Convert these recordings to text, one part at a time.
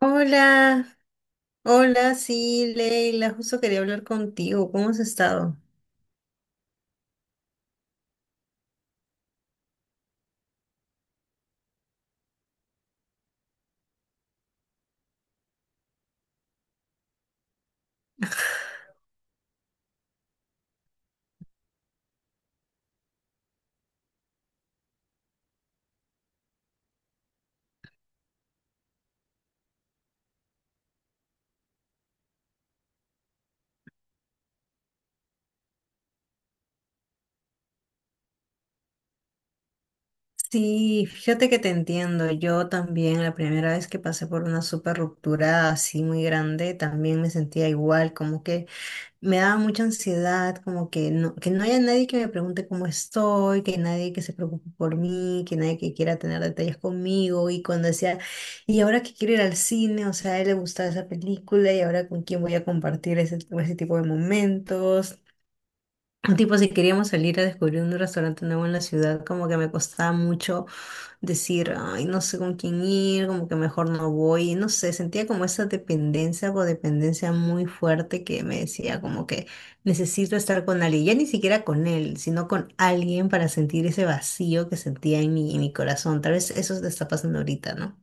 Hola, hola, sí, Leila, justo quería hablar contigo. ¿Cómo has estado? Sí, fíjate que te entiendo. Yo también, la primera vez que pasé por una super ruptura así muy grande, también me sentía igual, como que me daba mucha ansiedad, como que no haya nadie que me pregunte cómo estoy, que nadie que se preocupe por mí, que nadie que quiera tener detalles conmigo. Y cuando decía, y ahora que quiero ir al cine, o sea, a él le gustaba esa película, y ahora con quién voy a compartir ese tipo de momentos. Tipo, si queríamos salir a descubrir un restaurante nuevo en la ciudad, como que me costaba mucho decir, ay, no sé con quién ir, como que mejor no voy, no sé, sentía como esa dependencia, codependencia muy fuerte que me decía como que necesito estar con alguien, ya ni siquiera con él, sino con alguien para sentir ese vacío que sentía en mi corazón. Tal vez eso te está pasando ahorita, ¿no?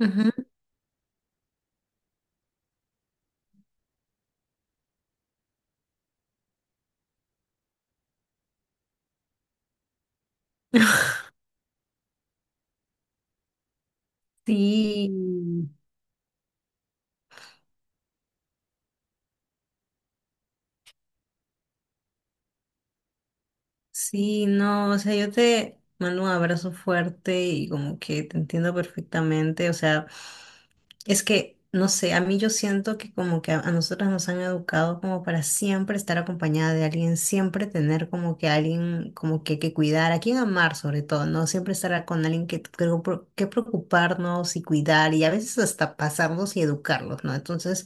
Ujú. Sí. Sí, no, o sea, yo te mando un abrazo fuerte y como que te entiendo perfectamente, o sea, es que, no sé, a mí yo siento que como que a nosotras nos han educado como para siempre estar acompañada de alguien, siempre tener como que alguien como que cuidar, a quien amar sobre todo, ¿no? Siempre estar con alguien que preocuparnos y cuidar y a veces hasta pasarnos y educarlos, ¿no? Entonces…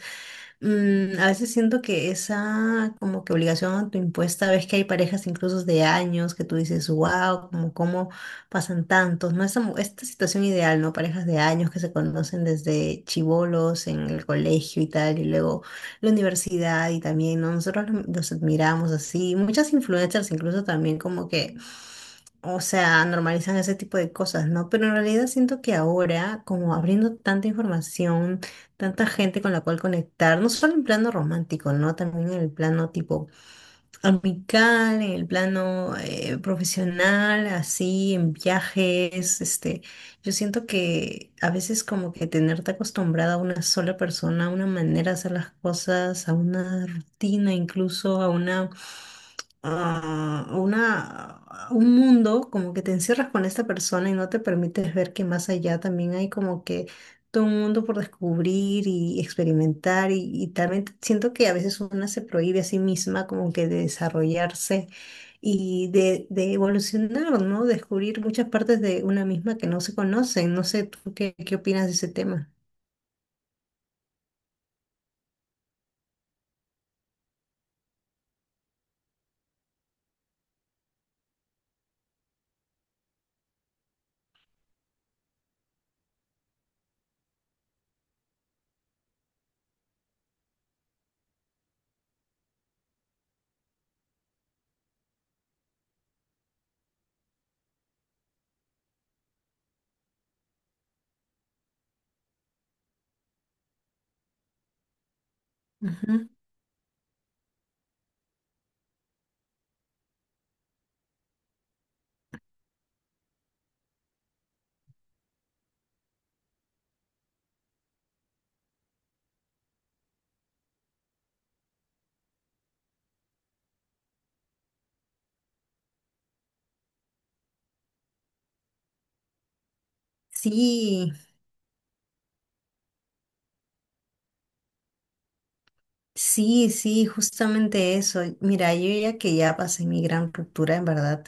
Mm, a veces siento que esa como que obligación autoimpuesta, ves que hay parejas incluso de años que tú dices, wow, como cómo pasan tantos, ¿no? Esta, esta situación ideal, ¿no? Parejas de años que se conocen desde chibolos en el colegio y tal, y luego la universidad y también, ¿no? Nosotros los admiramos así, muchas influencers incluso también como que o sea, normalizan ese tipo de cosas, ¿no? Pero en realidad siento que ahora, como abriendo tanta información, tanta gente con la cual conectar, no solo en plano romántico, ¿no? También en el plano tipo amical, en el plano profesional, así, en viajes, este, yo siento que a veces como que tenerte acostumbrada a una sola persona, a una manera de hacer las cosas, a una rutina, incluso a una un mundo, como que te encierras con esta persona y no te permites ver que más allá también hay como que todo un mundo por descubrir y experimentar y también siento que a veces una se prohíbe a sí misma como que de desarrollarse y de evolucionar, ¿no? Descubrir muchas partes de una misma que no se conocen. No sé, ¿tú qué opinas de ese tema? Ujú. Sí. Sí, sí, justamente eso. Mira, yo ya que ya pasé mi gran ruptura, en verdad,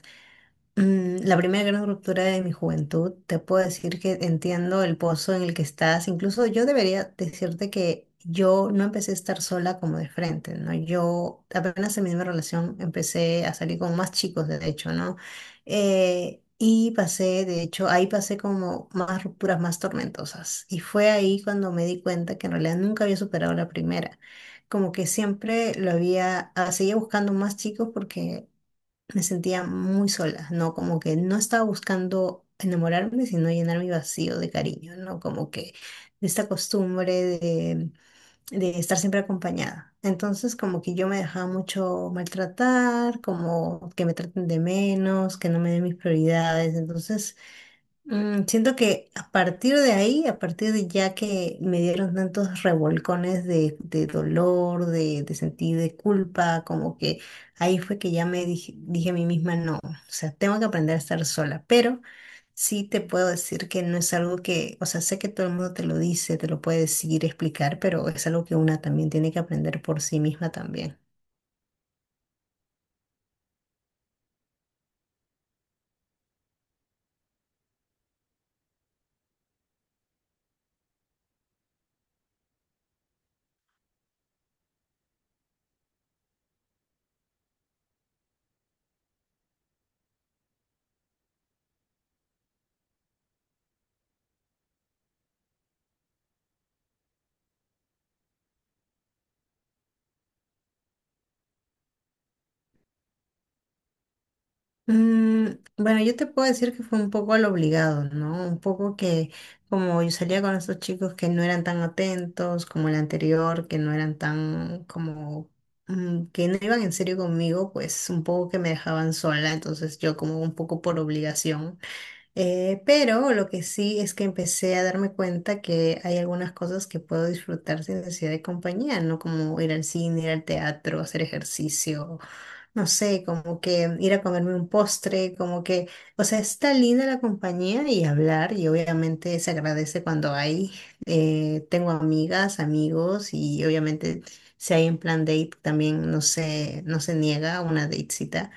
mm, la primera gran ruptura de mi juventud, te puedo decir que entiendo el pozo en el que estás. Incluso yo debería decirte que yo no empecé a estar sola como de frente, ¿no? Yo apenas en mi misma relación empecé a salir con más chicos, de hecho, ¿no? Y pasé, de hecho, ahí pasé como más rupturas más tormentosas. Y fue ahí cuando me di cuenta que en realidad nunca había superado la primera. Como que siempre lo había, seguía buscando más chicos porque me sentía muy sola, ¿no? Como que no estaba buscando enamorarme, sino llenar mi vacío de cariño, ¿no? Como que de esta costumbre de, de estar siempre acompañada. Entonces, como que yo me dejaba mucho maltratar, como que me traten de menos, que no me den mis prioridades. Entonces, mm, siento que a partir de ahí, a partir de ya que me dieron tantos revolcones de dolor, de sentir de culpa, como que ahí fue que ya me dije, dije a mí misma, no, o sea, tengo que aprender a estar sola, pero sí te puedo decir que no es algo que, o sea, sé que todo el mundo te lo dice, te lo puede decir, explicar, pero es algo que una también tiene que aprender por sí misma también. Mm, bueno, yo te puedo decir que fue un poco al obligado, ¿no? Un poco que como yo salía con estos chicos que no eran tan atentos como el anterior, que no eran tan como mm, que no iban en serio conmigo, pues un poco que me dejaban sola, entonces yo como un poco por obligación. Pero lo que sí es que empecé a darme cuenta que hay algunas cosas que puedo disfrutar sin necesidad de compañía, ¿no? Como ir al cine, ir al teatro, hacer ejercicio, no sé, como que ir a comerme un postre, como que, o sea, está linda la compañía y hablar, y obviamente se agradece cuando hay, tengo amigas, amigos, y obviamente si hay en plan date también no se niega a una datecita,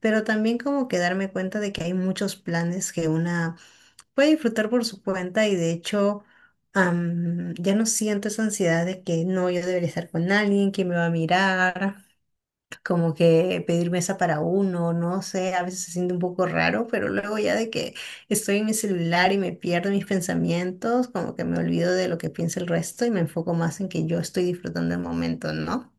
pero también como que darme cuenta de que hay muchos planes que una puede disfrutar por su cuenta y de hecho… ya no siento esa ansiedad de que no, yo debería estar con alguien, que me va a mirar, como que pedir mesa para uno, no sé, a veces se siente un poco raro, pero luego ya de que estoy en mi celular y me pierdo mis pensamientos, como que me olvido de lo que piensa el resto y me enfoco más en que yo estoy disfrutando el momento, ¿no?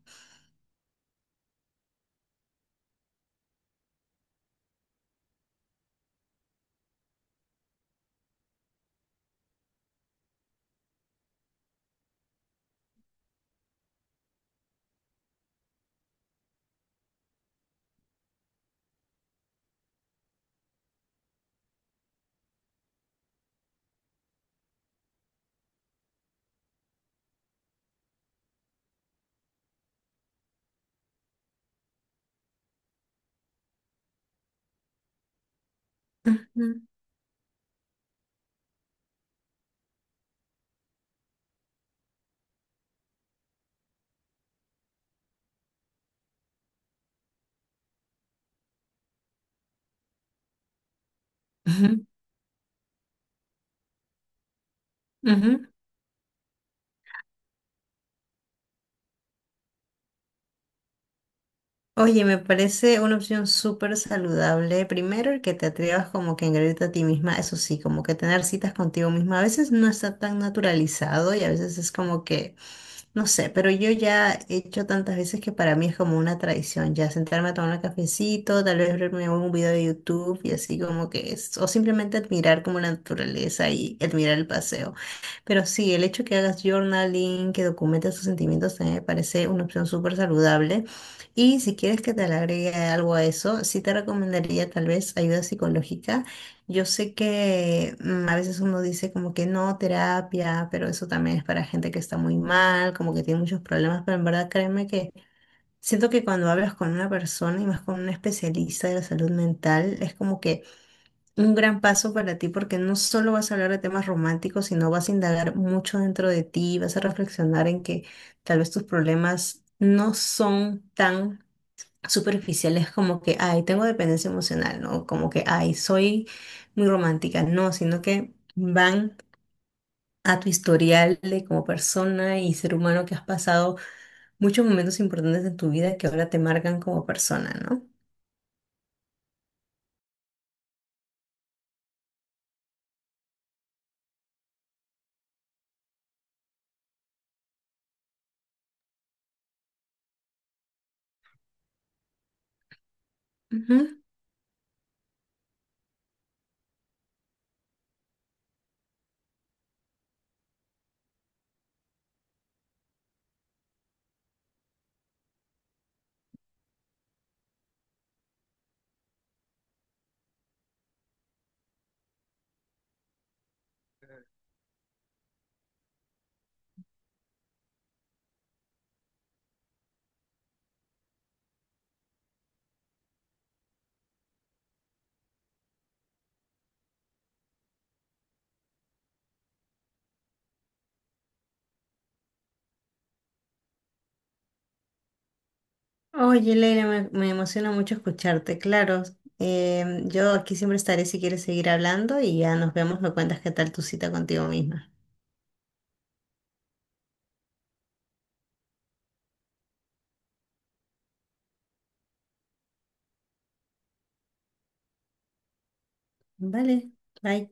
Ujú, ujú, ujú. Oye, me parece una opción súper saludable. Primero, el que te atrevas como que a engreírte a ti misma, eso sí, como que tener citas contigo misma a veces no está tan naturalizado y a veces es como que no sé, pero yo ya he hecho tantas veces que para mí es como una tradición, ya sentarme a tomar un cafecito, tal vez verme un video de YouTube y así como que es, o simplemente admirar como la naturaleza y admirar el paseo. Pero sí, el hecho que hagas journaling, que documentes tus sentimientos, también me parece una opción súper saludable. Y si quieres que te le agregue algo a eso, sí te recomendaría tal vez ayuda psicológica, yo sé que mm, a veces uno dice como que no, terapia, pero eso también es para gente que está muy mal, como que tiene muchos problemas, pero en verdad créeme que siento que cuando hablas con una persona y más con un especialista de la salud mental, es como que un gran paso para ti porque no solo vas a hablar de temas románticos, sino vas a indagar mucho dentro de ti, vas a reflexionar en que tal vez tus problemas no son tan superficial es como que, ay, tengo dependencia emocional, ¿no? Como que, ay, soy muy romántica, no, sino que van a tu historial de como persona y ser humano que has pasado muchos momentos importantes en tu vida que ahora te marcan como persona, ¿no? Ujú. Oye, Leila, me emociona mucho escucharte, claro. Yo aquí siempre estaré si quieres seguir hablando y ya nos vemos, me cuentas qué tal tu cita contigo misma. Vale, bye.